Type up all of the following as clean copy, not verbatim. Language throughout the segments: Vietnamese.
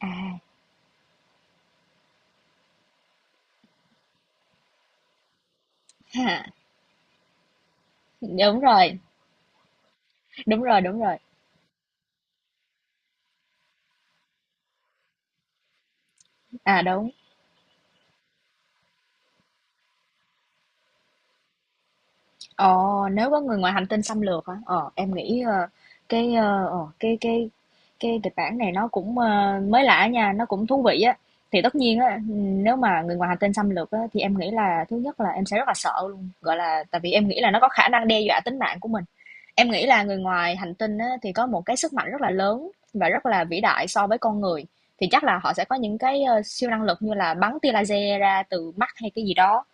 À, ha, đúng rồi, đúng rồi. À, đúng. Ồ, nếu có người ngoài hành tinh xâm lược hả? Ờ, em nghĩ cái ờ, ờ, cái kịch bản này nó cũng mới lạ nha, nó cũng thú vị á. Thì tất nhiên á, nếu mà người ngoài hành tinh xâm lược á, thì em nghĩ là thứ nhất là em sẽ rất là sợ luôn. Gọi là tại vì em nghĩ là nó có khả năng đe dọa tính mạng của mình. Em nghĩ là người ngoài hành tinh á, thì có một cái sức mạnh rất là lớn và rất là vĩ đại so với con người. Thì chắc là họ sẽ có những cái siêu năng lực như là bắn tia laser ra từ mắt hay cái gì đó.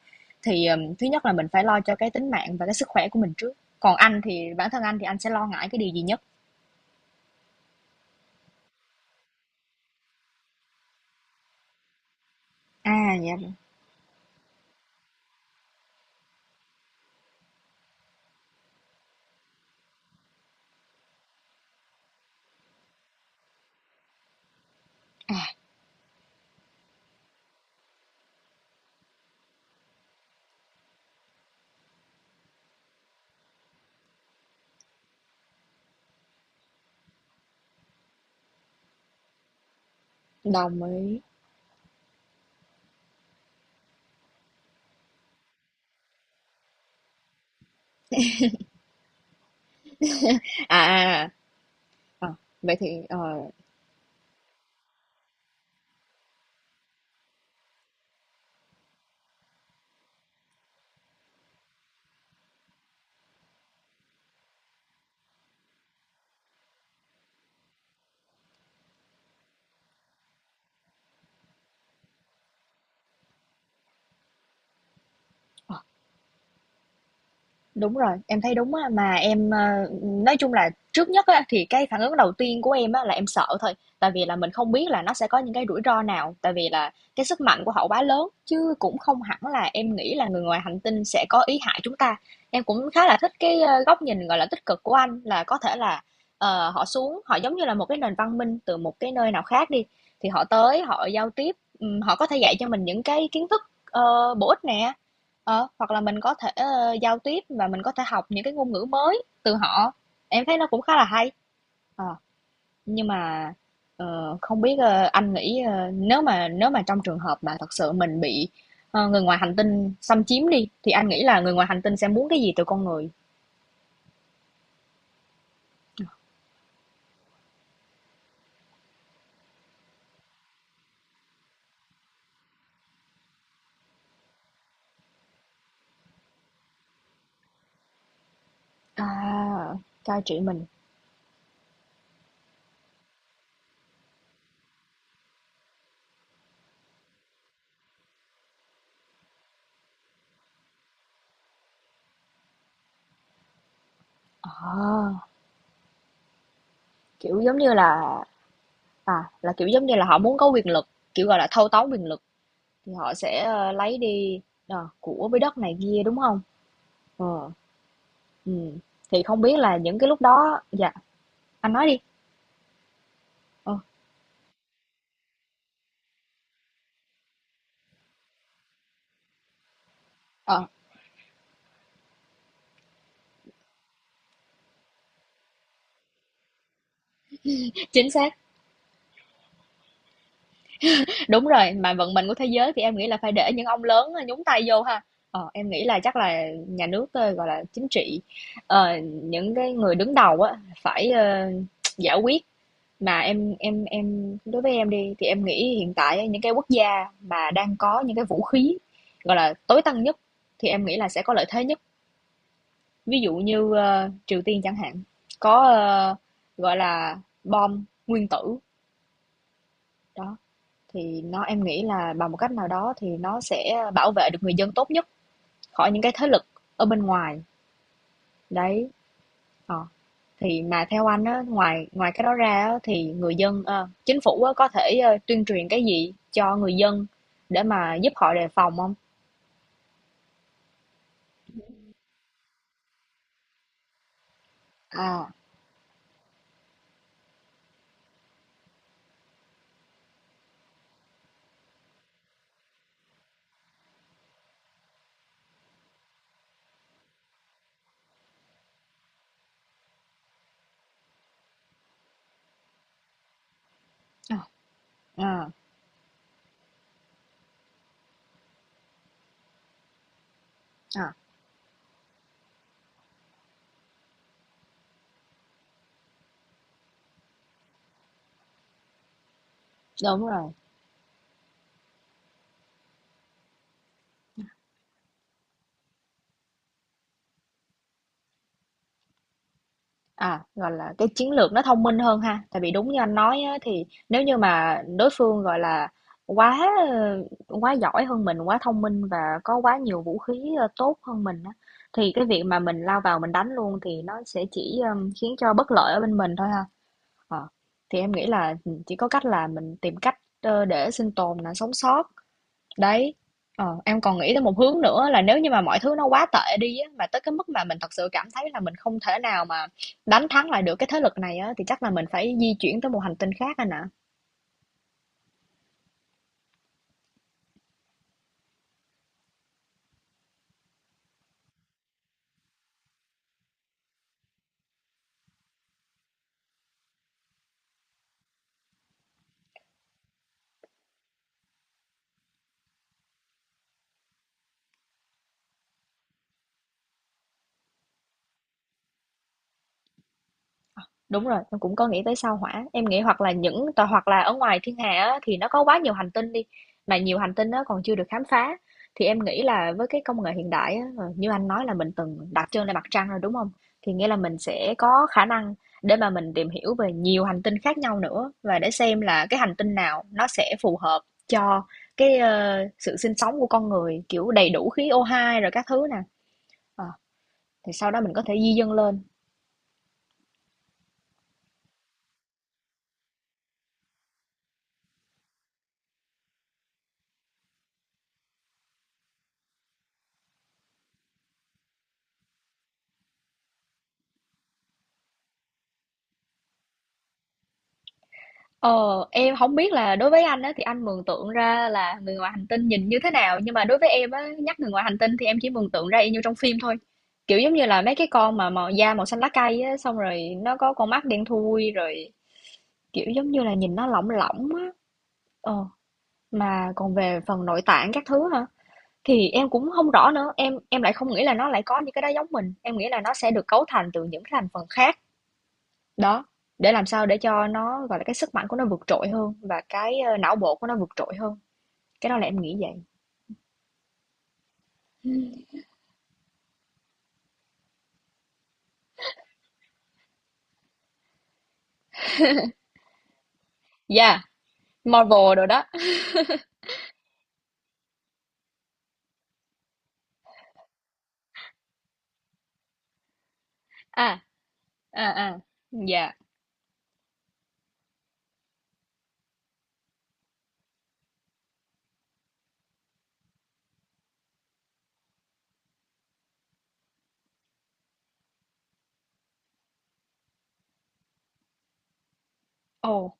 Thì thứ nhất là mình phải lo cho cái tính mạng và cái sức khỏe của mình trước. Còn anh thì bản thân anh thì anh sẽ lo ngại cái điều gì nhất? À dạ. À, đồng ý. À, à, à. Ờ, vậy thì ờ, đúng rồi, em thấy đúng á, mà em, ờ, nói chung là trước nhất á, thì cái phản ứng đầu tiên của em á, là em sợ thôi. Tại vì là mình không biết là nó sẽ có những cái rủi ro nào, tại vì là cái sức mạnh của họ quá lớn, chứ cũng không hẳn là em nghĩ là người ngoài hành tinh sẽ có ý hại chúng ta. Em cũng khá là thích cái, ơ, góc nhìn, gọi là, tích cực của anh, là có thể là, ờ, họ xuống, họ giống như là một cái nền văn minh từ một cái nơi nào khác đi, thì họ tới họ giao tiếp, họ có thể dạy cho mình những cái kiến thức, ờ, bổ ích nè. Ờ, hoặc là mình có thể, ơ, giao tiếp và mình có thể học những cái ngôn ngữ mới từ họ, em thấy nó cũng khá là hay. Ờ, nhưng mà, ờ, không biết, ơ, anh nghĩ, ơ, nếu mà trong trường hợp mà thật sự mình bị, ờ, người ngoài hành tinh xâm chiếm đi, thì anh nghĩ là người ngoài hành tinh sẽ muốn cái gì từ con người? À, cai trị mình. Ờ, kiểu, giống như là à, là, kiểu, giống như là họ muốn có quyền lực, kiểu, gọi là, thâu tóm quyền lực, thì họ sẽ, ơ, lấy đi, ờ, của với đất này kia, đúng không? Ờ. Ừm, thì không biết là những cái lúc đó dạ, anh nói đi. Ờ. Ờ, chính xác, đúng rồi, mà vận mệnh của thế giới thì em nghĩ là phải để những ông lớn ờ, nhúng tay vô ha. Ờ, em nghĩ là chắc là nhà nước, ơ, gọi là, chính trị, ờ, những cái người đứng đầu á, phải, ơ, giải quyết. Mà em đối với em đi, thì em nghĩ hiện tại á, những cái quốc gia mà đang có những cái vũ khí, gọi là, tối tân nhất, thì em nghĩ là sẽ có lợi thế nhất. Ví dụ như, ơ, Triều Tiên chẳng hạn, có, ơ, gọi là, bom nguyên tử, đó, thì nó em nghĩ là bằng một cách nào đó thì nó sẽ bảo vệ được người dân tốt nhất khỏi những cái thế lực ở bên ngoài, đấy, ờ. Thì mà theo anh á, ngoài ngoài cái đó ra á thì người dân ơ, chính phủ á có thể, ơ, tuyên truyền cái gì cho người dân để mà giúp họ đề phòng không? À, à, à, à, đúng rồi. À, gọi là, cái chiến lược nó thông minh hơn ha. Tại vì đúng như anh nói á, thì nếu như mà đối phương, gọi là, quá, ơ, quá giỏi hơn mình, quá thông minh và có quá nhiều vũ khí, ơ, tốt hơn mình á, thì cái việc mà mình lao vào mình đánh luôn thì nó sẽ chỉ, khiến cho bất lợi ở bên mình thôi ha. Ờ, thì em nghĩ là, chỉ có cách là mình tìm cách, ơ, để sinh tồn là sống sót. Đấy, ờ, em còn nghĩ tới một hướng nữa là nếu như mà mọi thứ nó quá tệ đi á, mà tới cái mức mà mình thật sự cảm thấy là mình không thể nào mà đánh thắng lại được cái thế lực này á, thì chắc là mình phải di chuyển tới một hành tinh khác anh ạ. Đúng rồi, em cũng có nghĩ tới sao Hỏa. Em nghĩ hoặc là những tòa hoặc là ở ngoài thiên hà á, thì nó có quá nhiều hành tinh đi, mà nhiều hành tinh nó còn chưa được khám phá. Thì em nghĩ là với cái công nghệ hiện đại á, ờ, như anh nói là mình từng đặt chân lên mặt trăng rồi đúng không? Thì nghĩa là mình sẽ có khả năng để mà mình tìm hiểu về nhiều hành tinh khác nhau nữa và để xem là cái hành tinh nào nó sẽ phù hợp cho cái ờ, sự sinh sống của con người kiểu đầy đủ khí O2 rồi các thứ nè. Ờ, thì sau đó mình có thể di dân lên. Ờ, em không biết là đối với anh á, thì anh mường tượng ra là người ngoài hành tinh nhìn như thế nào, nhưng mà đối với em á, nhắc người ngoài hành tinh thì em chỉ mường tượng ra y như trong phim thôi. Kiểu giống như là mấy cái con mà màu da màu xanh lá cây á, xong rồi nó có con mắt đen thui rồi kiểu giống như là nhìn nó lỏng lỏng á. Ờ, mà còn về phần nội tạng các thứ hả? Thì em cũng không rõ nữa, em lại không nghĩ là nó lại có những cái đó giống mình, em nghĩ là nó sẽ được cấu thành từ những cái thành phần khác. Đó, để làm sao để cho nó, gọi là, cái sức mạnh của nó vượt trội hơn và cái, ơ, não bộ của nó vượt trội hơn. Cái đó là em nghĩ vậy. Yeah, Marvel đồ đó. À, à, à, yeah. Ồ, oh,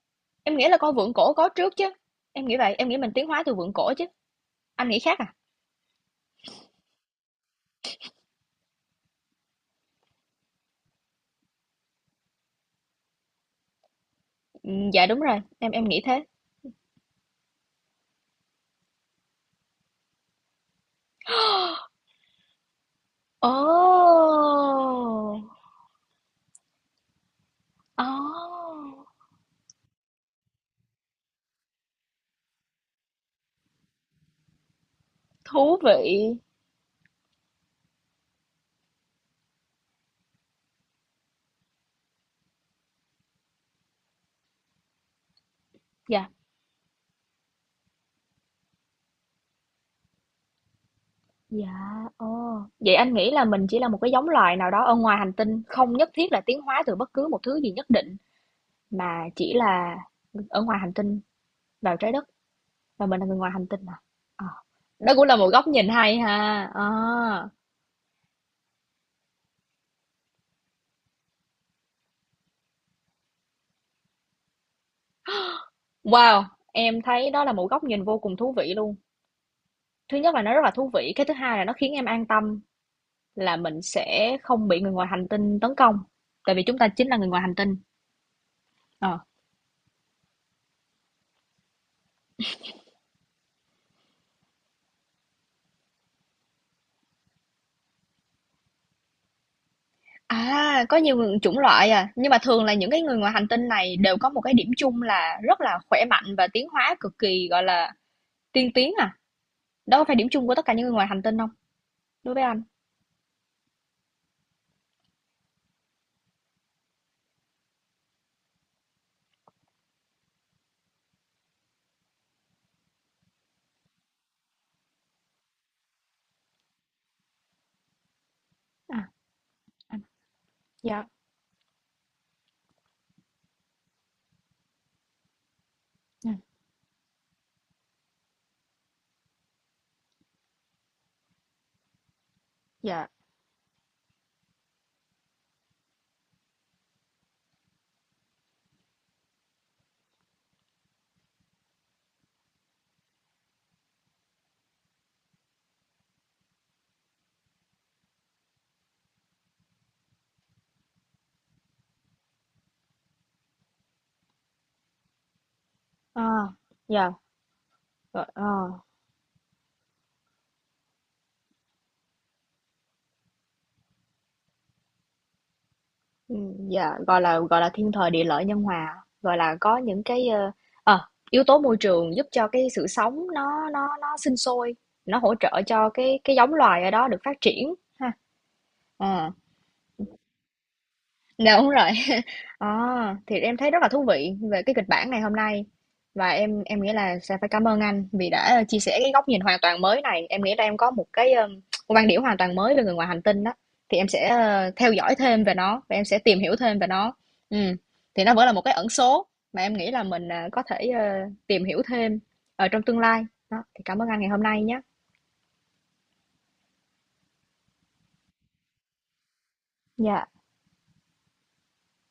em nghĩ là con Vượn Cổ có trước chứ. Em nghĩ vậy, em nghĩ mình tiến hóa từ Vượn Cổ chứ. Anh nghĩ khác à? Dạ đúng rồi, em nghĩ thế. Ồ! Oh. Ồ! Oh. Thú vị. Dạ, dạ, ồ. Vậy anh nghĩ là mình chỉ là một cái giống loài nào đó ở ngoài hành tinh, không nhất thiết là tiến hóa từ bất cứ một thứ gì nhất định. Mà chỉ là ở ngoài hành tinh vào trái đất và mình là người ngoài hành tinh à? Ờ, đó cũng là một góc nhìn hay ha. Ờ, wow, em thấy đó là một góc nhìn vô cùng thú vị luôn. Thứ nhất là nó rất là thú vị, cái thứ hai là nó khiến em an tâm là mình sẽ không bị người ngoài hành tinh tấn công, tại vì chúng ta chính là người ngoài hành tinh. Ờ. À, có nhiều người- chủng loại à, nhưng mà thường là những cái người ngoài hành tinh này đều có một cái điểm chung là rất là khỏe mạnh và tiến hóa cực kỳ gọi là tiên tiến à. Đó có phải điểm chung của tất cả những người ngoài hành tinh không? Đối với anh dạ. Ừ, dạ à dạ gọi, ừ, dạ gọi là thiên thời địa lợi nhân hòa gọi là có những cái ờ, yếu tố môi trường giúp cho cái sự sống nó sinh sôi, nó hỗ trợ cho cái giống loài ở đó được phát triển ha. Ờ, dạ, đúng rồi. À, thì em thấy rất là thú vị về cái kịch bản ngày hôm nay và em nghĩ là sẽ phải cảm ơn anh vì đã chia sẻ cái góc nhìn hoàn toàn mới này. Em nghĩ là em có một cái một quan điểm hoàn toàn mới về người ngoài hành tinh đó. Thì em sẽ ờ, theo dõi thêm về nó và em sẽ tìm hiểu thêm về nó. Ừ. Thì nó vẫn là một cái ẩn số mà em nghĩ là mình ờ, có thể ờ, tìm hiểu thêm ở trong tương lai. Đó, thì cảm ơn anh ngày hôm nay nhé. Dạ.